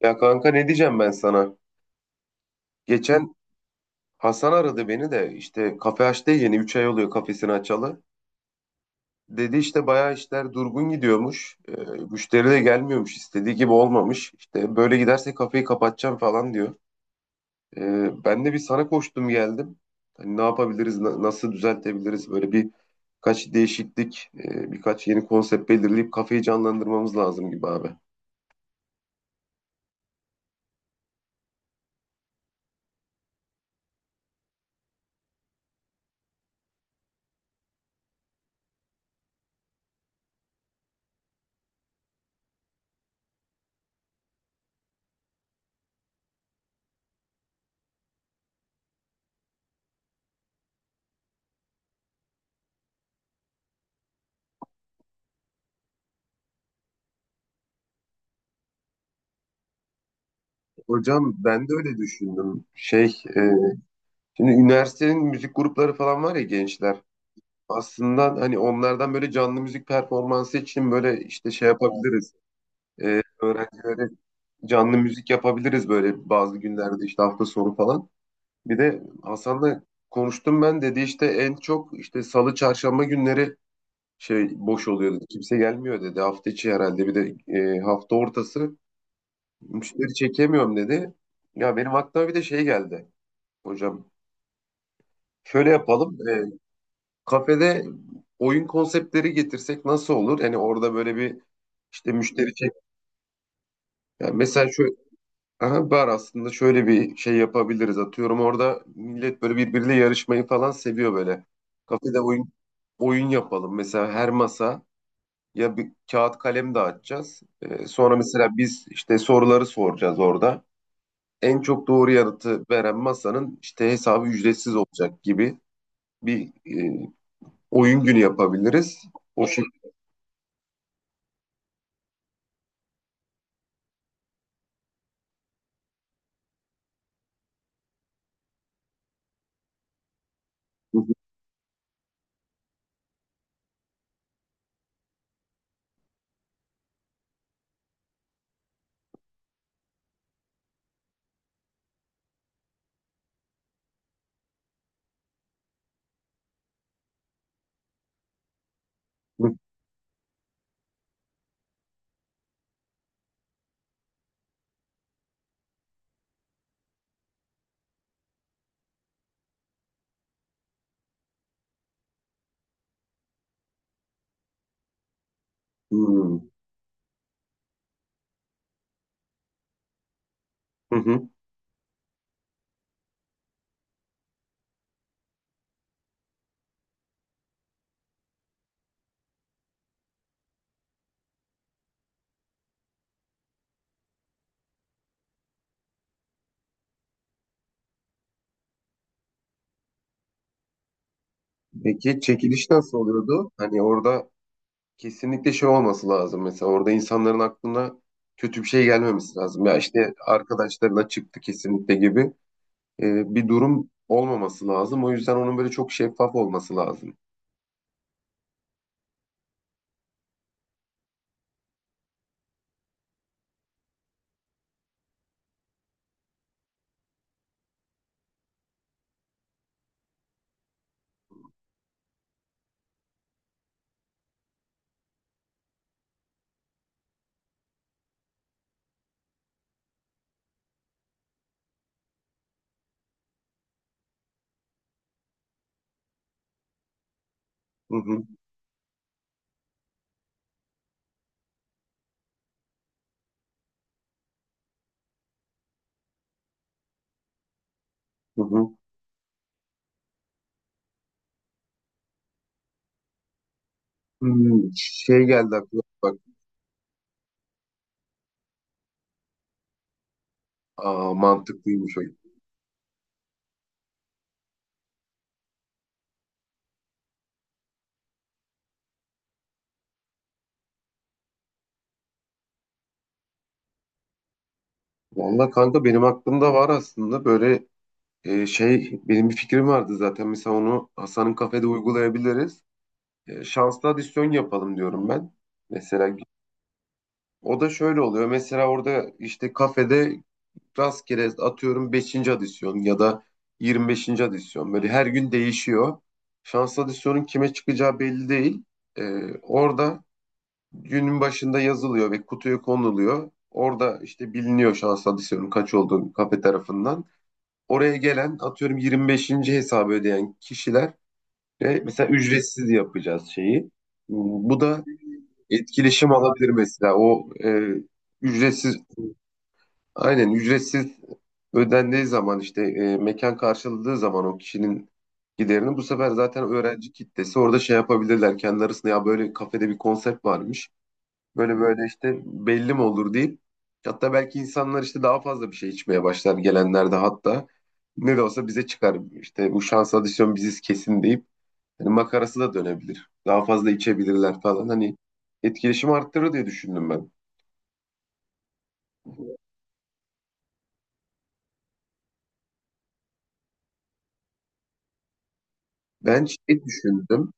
Ya kanka ne diyeceğim ben sana? Geçen Hasan aradı beni de işte kafe açtı ya yeni 3 ay oluyor kafesini açalı. Dedi işte bayağı işler durgun gidiyormuş. Müşteri de gelmiyormuş istediği gibi olmamış. İşte böyle giderse kafeyi kapatacağım falan diyor. Ben de bir sana koştum geldim. Hani ne yapabiliriz, nasıl düzeltebiliriz? Böyle bir kaç değişiklik, birkaç yeni konsept belirleyip kafeyi canlandırmamız lazım gibi abi. Hocam ben de öyle düşündüm. Şimdi üniversitenin müzik grupları falan var ya gençler. Aslında hani onlardan böyle canlı müzik performansı için böyle işte şey yapabiliriz. Öğrencilere canlı müzik yapabiliriz böyle bazı günlerde işte hafta sonu falan. Bir de Hasan'la konuştum ben dedi işte en çok işte salı çarşamba günleri şey boş oluyor dedi. Kimse gelmiyor dedi. Hafta içi herhalde bir de hafta ortası müşteri çekemiyorum dedi. Ya benim aklıma bir de şey geldi hocam. Şöyle yapalım. Kafede oyun konseptleri getirsek nasıl olur? Yani orada böyle bir işte müşteri çek. Yani mesela şu aha, bar aslında şöyle bir şey yapabiliriz. Atıyorum orada millet böyle birbiriyle yarışmayı falan seviyor böyle. Kafede oyun yapalım. Mesela her masa ya bir kağıt kalem dağıtacağız. Sonra mesela biz işte soruları soracağız orada. En çok doğru yanıtı veren masanın işte hesabı ücretsiz olacak gibi bir e, oyun günü yapabiliriz. O şekilde. Hmm. Hı hı. Peki çekiliş nasıl oluyordu? Hani orada kesinlikle şey olması lazım. Mesela orada insanların aklına kötü bir şey gelmemesi lazım. Ya işte arkadaşlarına çıktı kesinlikle gibi bir durum olmaması lazım. O yüzden onun böyle çok şeffaf olması lazım. Hı hı. Hı hı. Şey geldi aklıma bak. Aa, mantıklıymış o. Valla kanka benim aklımda var aslında böyle şey benim bir fikrim vardı zaten. Mesela onu Hasan'ın kafede uygulayabiliriz. Şanslı adisyon yapalım diyorum ben. Mesela o da şöyle oluyor. Mesela orada işte kafede rastgele atıyorum beşinci adisyon ya da 25. adisyon. Böyle her gün değişiyor. Şanslı adisyonun kime çıkacağı belli değil. Ee, orada günün başında yazılıyor ve kutuya konuluyor. Orada işte biliniyor şanslı adisyonun kaç olduğu kafe tarafından. Oraya gelen atıyorum 25. hesabı ödeyen kişiler ve mesela ücretsiz yapacağız şeyi. Bu da etkileşim alabilir mesela o ücretsiz aynen ücretsiz ödendiği zaman işte mekan karşıladığı zaman o kişinin giderini bu sefer zaten öğrenci kitlesi orada şey yapabilirler kendi arasında ya böyle kafede bir konsept varmış böyle böyle işte belli mi olur deyip hatta belki insanlar işte daha fazla bir şey içmeye başlar gelenler de hatta ne de olsa bize çıkar işte bu şans adisyon biziz kesin deyip Hani makarası da dönebilir. Daha fazla içebilirler falan. Hani etkileşim arttırır diye düşündüm ben. Ben şey düşündüm.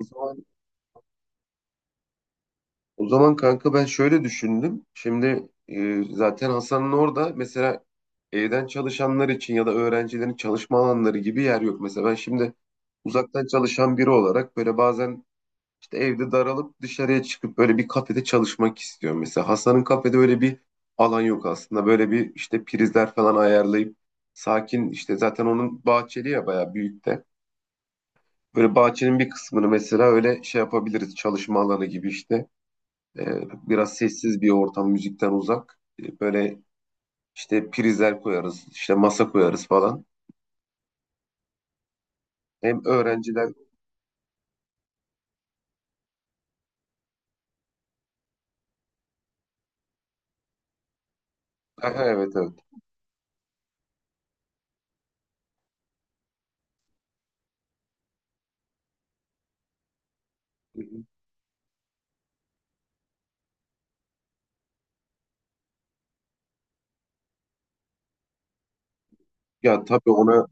O zaman, o zaman, kanka ben şöyle düşündüm. Şimdi zaten Hasan'ın orada mesela evden çalışanlar için ya da öğrencilerin çalışma alanları gibi yer yok. Mesela ben şimdi uzaktan çalışan biri olarak böyle bazen İşte evde daralıp dışarıya çıkıp böyle bir kafede çalışmak istiyorum. Mesela Hasan'ın kafede öyle bir alan yok aslında. Böyle bir işte prizler falan ayarlayıp sakin işte zaten onun bahçeli ya bayağı büyük de. Böyle bahçenin bir kısmını mesela öyle şey yapabiliriz çalışma alanı gibi işte. Ee, biraz sessiz bir ortam müzikten uzak. Böyle işte prizler koyarız işte masa koyarız falan. Hem öğrenciler. Aha, evet evet. Ya tabii ona.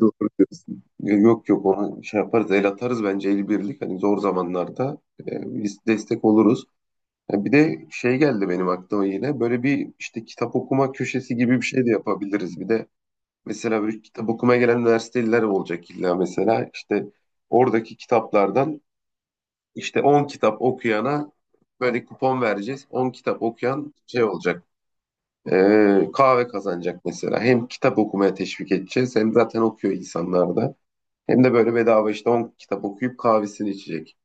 Doğru diyorsun. Yok yok ona şey yaparız el atarız bence el birlik hani zor zamanlarda biz destek oluruz. Ya bir de şey geldi benim aklıma yine böyle bir işte kitap okuma köşesi gibi bir şey de yapabiliriz. Bir de mesela böyle kitap okumaya gelen üniversiteliler olacak illa mesela işte oradaki kitaplardan işte 10 kitap okuyana böyle kupon vereceğiz. 10 kitap okuyan şey olacak kahve kazanacak mesela. Hem kitap okumaya teşvik edeceğiz hem zaten okuyor insanlar da. Hem de böyle bedava işte 10 kitap okuyup kahvesini içecek.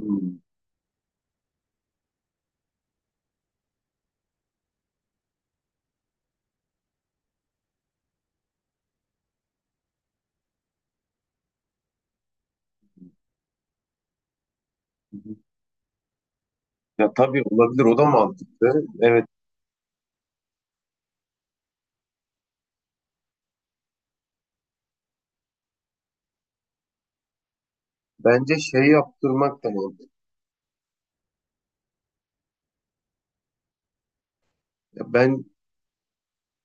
Hmm. Ya tabii olabilir o da mantıklı. Evet bence şey yaptırmak da mantıklı. Ya ben,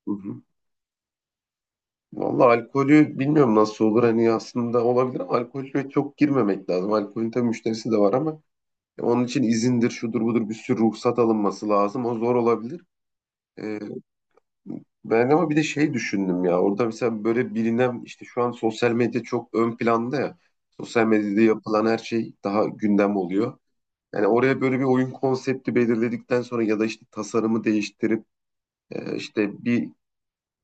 hı hı. Vallahi alkolü bilmiyorum nasıl olur hani aslında olabilir ama alkolü çok girmemek lazım. Alkolün tabii müşterisi de var ama onun için izindir şudur budur bir sürü ruhsat alınması lazım. O zor olabilir. Ee, Ben ama bir de şey düşündüm ya orada mesela böyle bilinen işte şu an sosyal medya çok ön planda ya. Sosyal medyada yapılan her şey daha gündem oluyor. Yani oraya böyle bir oyun konsepti belirledikten sonra ya da işte tasarımı değiştirip işte bir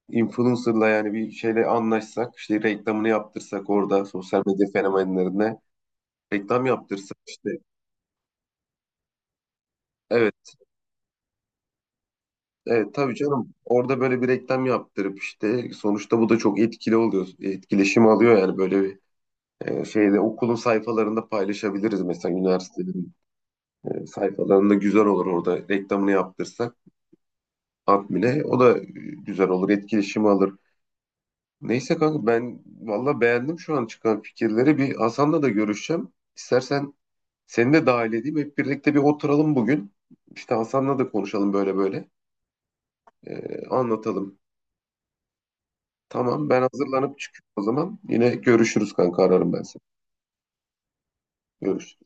influencer'la yani bir şeyle anlaşsak işte reklamını yaptırsak orada sosyal medya fenomenlerine reklam yaptırsak işte evet evet tabii canım orada böyle bir reklam yaptırıp işte sonuçta bu da çok etkili oluyor etkileşim alıyor yani böyle bir şeyde okulun sayfalarında paylaşabiliriz mesela üniversitenin sayfalarında güzel olur orada reklamını yaptırsak admine o da güzel olur etkileşimi alır. Neyse kanka ben valla beğendim şu an çıkan fikirleri bir Hasan'la da görüşeceğim. İstersen seni de dahil edeyim hep birlikte bir oturalım bugün. İşte Hasan'la da konuşalım böyle böyle anlatalım. Tamam ben hazırlanıp çıkıyorum o zaman yine görüşürüz kanka ararım ben seni. Görüşürüz.